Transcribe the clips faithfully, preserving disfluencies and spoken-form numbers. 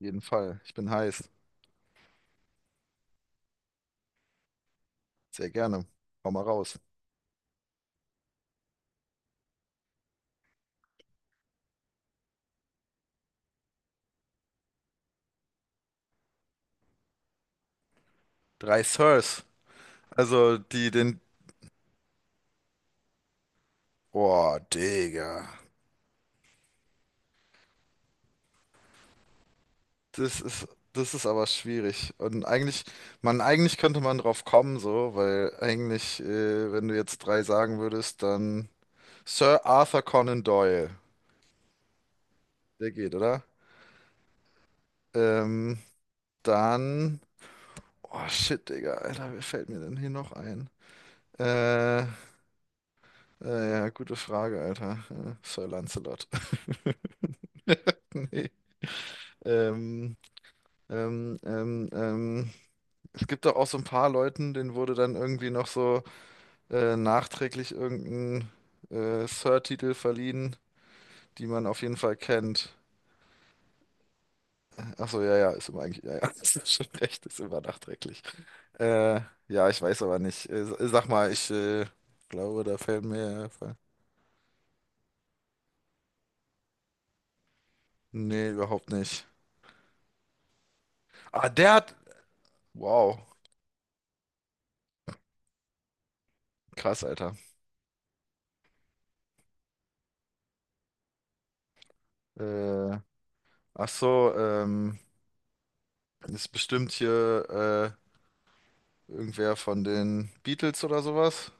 jeden Fall. Ich bin heiß. Sehr gerne. Hau mal raus. Drei Sirs. Also die den. Boah, Digga. Das ist, das ist aber schwierig. Und eigentlich, man, eigentlich könnte man drauf kommen, so, weil eigentlich, äh, wenn du jetzt drei sagen würdest, dann Sir Arthur Conan Doyle. Der geht, oder? Ähm, dann. Oh shit, Digga, Alter, wer fällt mir denn hier noch ein? Äh, äh, ja, gute Frage, Alter. Äh, Sir Lancelot. Nee. Ähm, ähm, ähm, ähm. Es gibt doch auch so ein paar Leuten, denen wurde dann irgendwie noch so äh, nachträglich irgendein äh, Sir-Titel verliehen, die man auf jeden Fall kennt. Achso, ja, ja, ist immer eigentlich, ja, ja, das ist schon recht, ist immer nachträglich. Äh, ja, ich weiß aber nicht. Äh, sag mal, ich äh, glaube, da fällt mir. Nee, überhaupt nicht. Ah, der hat. Wow, krass, Alter. Äh, ach so, ähm, ist bestimmt hier. äh, Irgendwer von den Beatles oder sowas?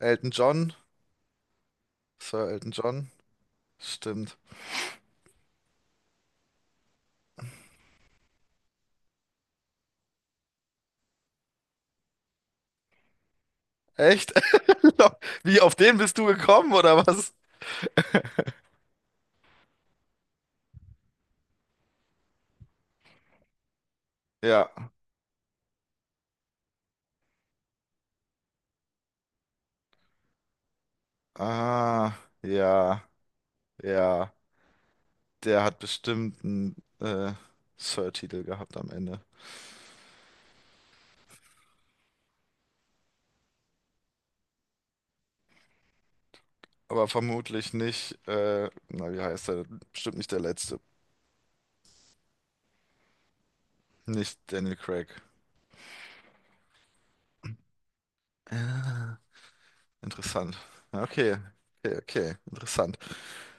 Elton John? Sir Elton John? Stimmt. Echt? Wie, auf den bist du gekommen oder was? Ja. Ah, ja, ja. Der hat bestimmt einen äh, Sir-Titel gehabt am Ende. Aber vermutlich nicht, äh, na, wie heißt er? Bestimmt nicht der letzte. Nicht Daniel Craig. Ah, interessant. Okay, okay, okay. Interessant.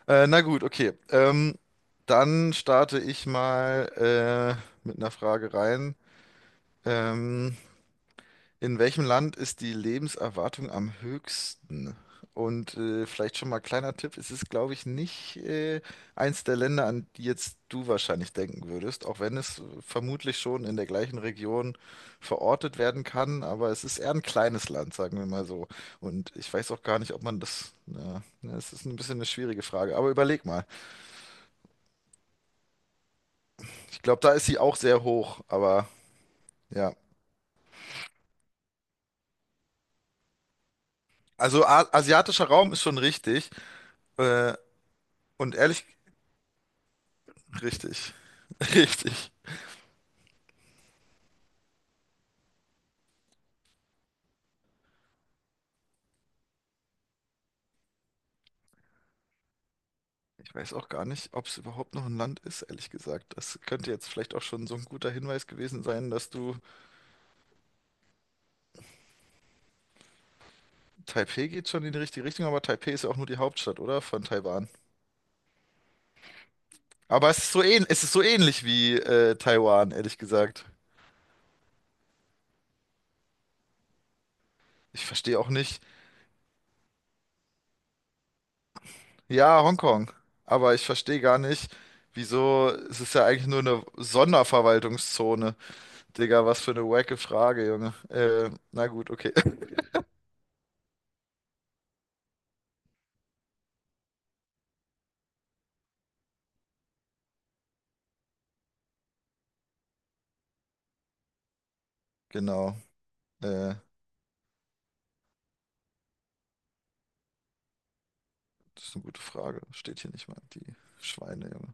Äh, na gut, okay. Ähm, dann starte ich mal äh, mit einer Frage rein. Ähm, in welchem Land ist die Lebenserwartung am höchsten? Und äh, vielleicht schon mal kleiner Tipp, es ist, glaube ich, nicht äh, eins der Länder, an die jetzt du wahrscheinlich denken würdest, auch wenn es vermutlich schon in der gleichen Region verortet werden kann, aber es ist eher ein kleines Land, sagen wir mal so. Und ich weiß auch gar nicht, ob man das, ja, ne, es ist ein bisschen eine schwierige Frage, aber überleg mal. Ich glaube, da ist sie auch sehr hoch, aber ja. Also A asiatischer Raum ist schon richtig. Äh, und ehrlich, richtig. Richtig. Ich weiß auch gar nicht, ob es überhaupt noch ein Land ist, ehrlich gesagt. Das könnte jetzt vielleicht auch schon so ein guter Hinweis gewesen sein, dass du. Taipei geht schon in die richtige Richtung, aber Taipei ist ja auch nur die Hauptstadt, oder? Von Taiwan. Aber es ist so ähn es ist so ähnlich wie äh, Taiwan, ehrlich gesagt. Ich verstehe auch nicht. Ja, Hongkong. Aber ich verstehe gar nicht, wieso, es ist ja eigentlich nur eine Sonderverwaltungszone. Digga, was für eine wacke Frage, Junge. Äh, na gut, okay. Genau. Äh, das ist eine gute Frage. Steht hier nicht mal. Die Schweine, Junge.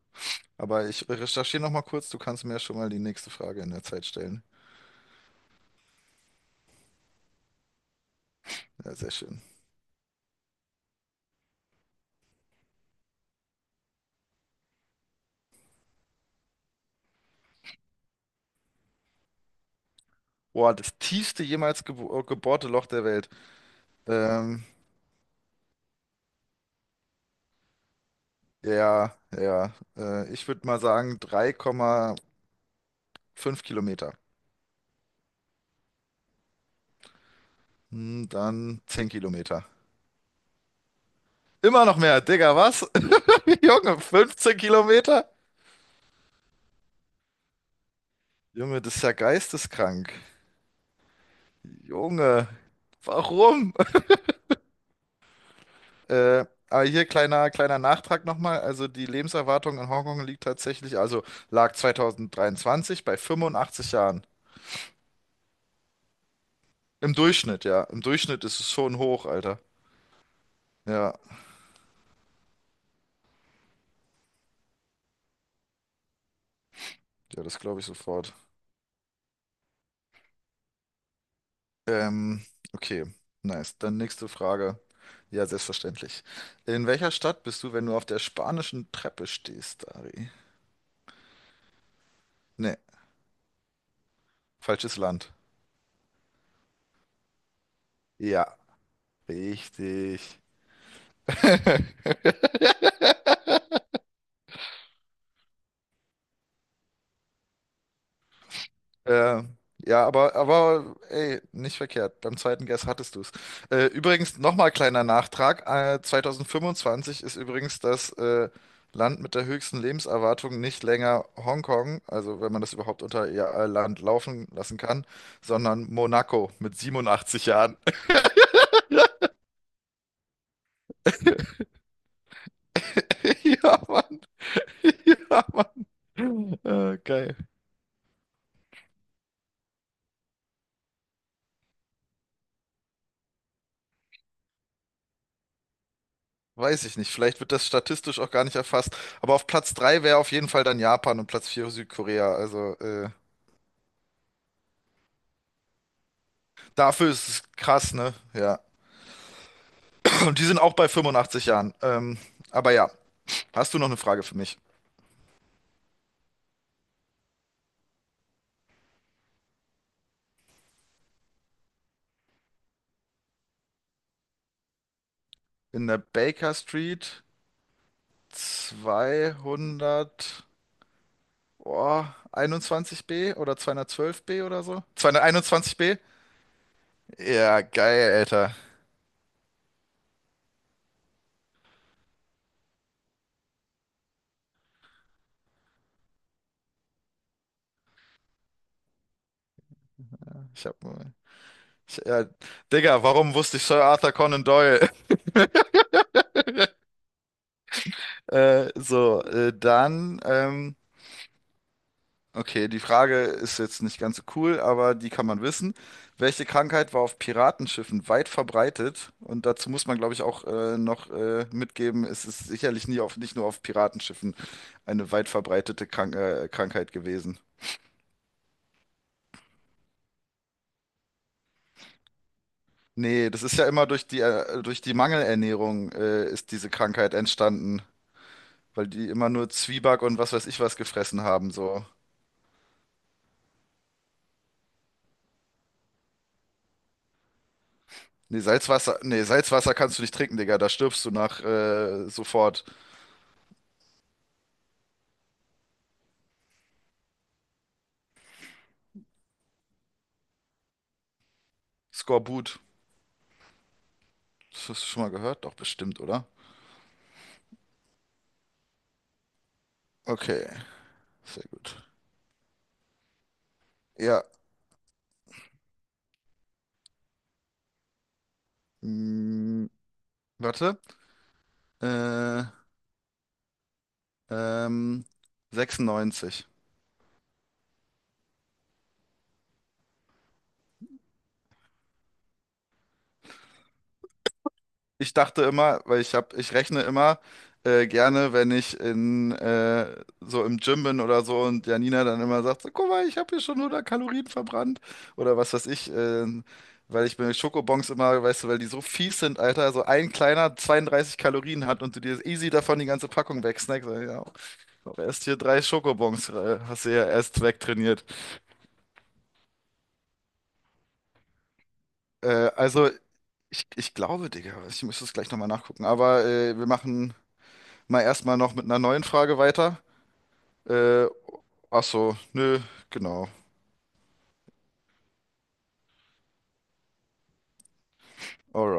Aber ich recherchiere noch mal kurz. Du kannst mir ja schon mal die nächste Frage in der Zeit stellen. Ja, sehr schön. Boah, das tiefste jemals gebo gebohrte Loch der Welt. Ähm, ja, ja. Äh, ich würde mal sagen drei Komma fünf Kilometer. Hm, dann zehn Kilometer. Immer noch mehr, Digga, was? Junge, fünfzehn Kilometer? Junge, das ist ja geisteskrank. Junge, warum? Äh, aber hier kleiner, kleiner Nachtrag nochmal. Also die Lebenserwartung in Hongkong liegt tatsächlich, also lag zwanzig dreiundzwanzig bei fünfundachtzig Jahren. Im Durchschnitt, ja. Im Durchschnitt ist es schon hoch, Alter. Ja, ja, das glaube ich sofort. Ähm, okay, nice. Dann nächste Frage. Ja, selbstverständlich. In welcher Stadt bist du, wenn du auf der spanischen Treppe stehst, Dari? Nee, falsches Land. Ja, richtig. Äh, ja, aber, aber ey, nicht verkehrt. Beim zweiten Guess hattest du es. Äh, übrigens, nochmal kleiner Nachtrag. Äh, zwanzig fünfundzwanzig ist übrigens das äh, Land mit der höchsten Lebenserwartung nicht länger Hongkong, also wenn man das überhaupt unter ihr äh, Land laufen lassen kann, sondern Monaco mit siebenundachtzig Jahren. Ja, Mann. Ja, Mann. Äh, geil. Weiß ich nicht. Vielleicht wird das statistisch auch gar nicht erfasst. Aber auf Platz drei wäre auf jeden Fall dann Japan und Platz vier Südkorea. Also, äh, Dafür ist es krass, ne? Ja. Und die sind auch bei fünfundachtzig Jahren. Ähm, aber ja, hast du noch eine Frage für mich? In der Baker Street zweihundert, oh, einundzwanzig b oder zweihundertzwölf b oder so? zweihunderteinundzwanzig b? Ja, geil, Alter. Ich hab, ich, ja, Digga, warum wusste ich Sir Arthur Conan Doyle? Äh, so, äh, dann, ähm, Okay, die Frage ist jetzt nicht ganz so cool, aber die kann man wissen. Welche Krankheit war auf Piratenschiffen weit verbreitet? Und dazu muss man, glaube ich, auch äh, noch äh, mitgeben, es ist sicherlich nie auf, nicht nur auf Piratenschiffen eine weit verbreitete Krank äh, Krankheit gewesen. Nee, das ist ja immer durch die, äh, durch die Mangelernährung äh, ist diese Krankheit entstanden, weil die immer nur Zwieback und was weiß ich was gefressen haben, so. Nee, Salzwasser, nee, Salzwasser kannst du nicht trinken, Digga, da stirbst du nach äh, sofort. Skorbut. Das hast du schon mal gehört? Doch, bestimmt, oder? Okay, sehr gut. Ja, mm, warte. Äh, ähm, sechsundneunzig. Ich dachte immer, weil ich hab, ich rechne immer äh, gerne, wenn ich in äh, so im Gym bin oder so und Janina dann immer sagt, so, guck mal, ich habe hier schon hundert Kalorien verbrannt oder was weiß ich, äh, weil ich bei Schokobons immer, weißt du, weil die so fies sind, Alter, so ein kleiner zweiunddreißig Kalorien hat und du dir easy davon die ganze Packung wegsnackst. Ja, aber erst hier drei Schokobons, äh, hast du ja erst wegtrainiert. Äh, also, ich, ich glaube, Digga, ich müsste es gleich nochmal nachgucken. Aber äh, wir machen mal erstmal noch mit einer neuen Frage weiter. Äh, ach so, nö, genau. Alright.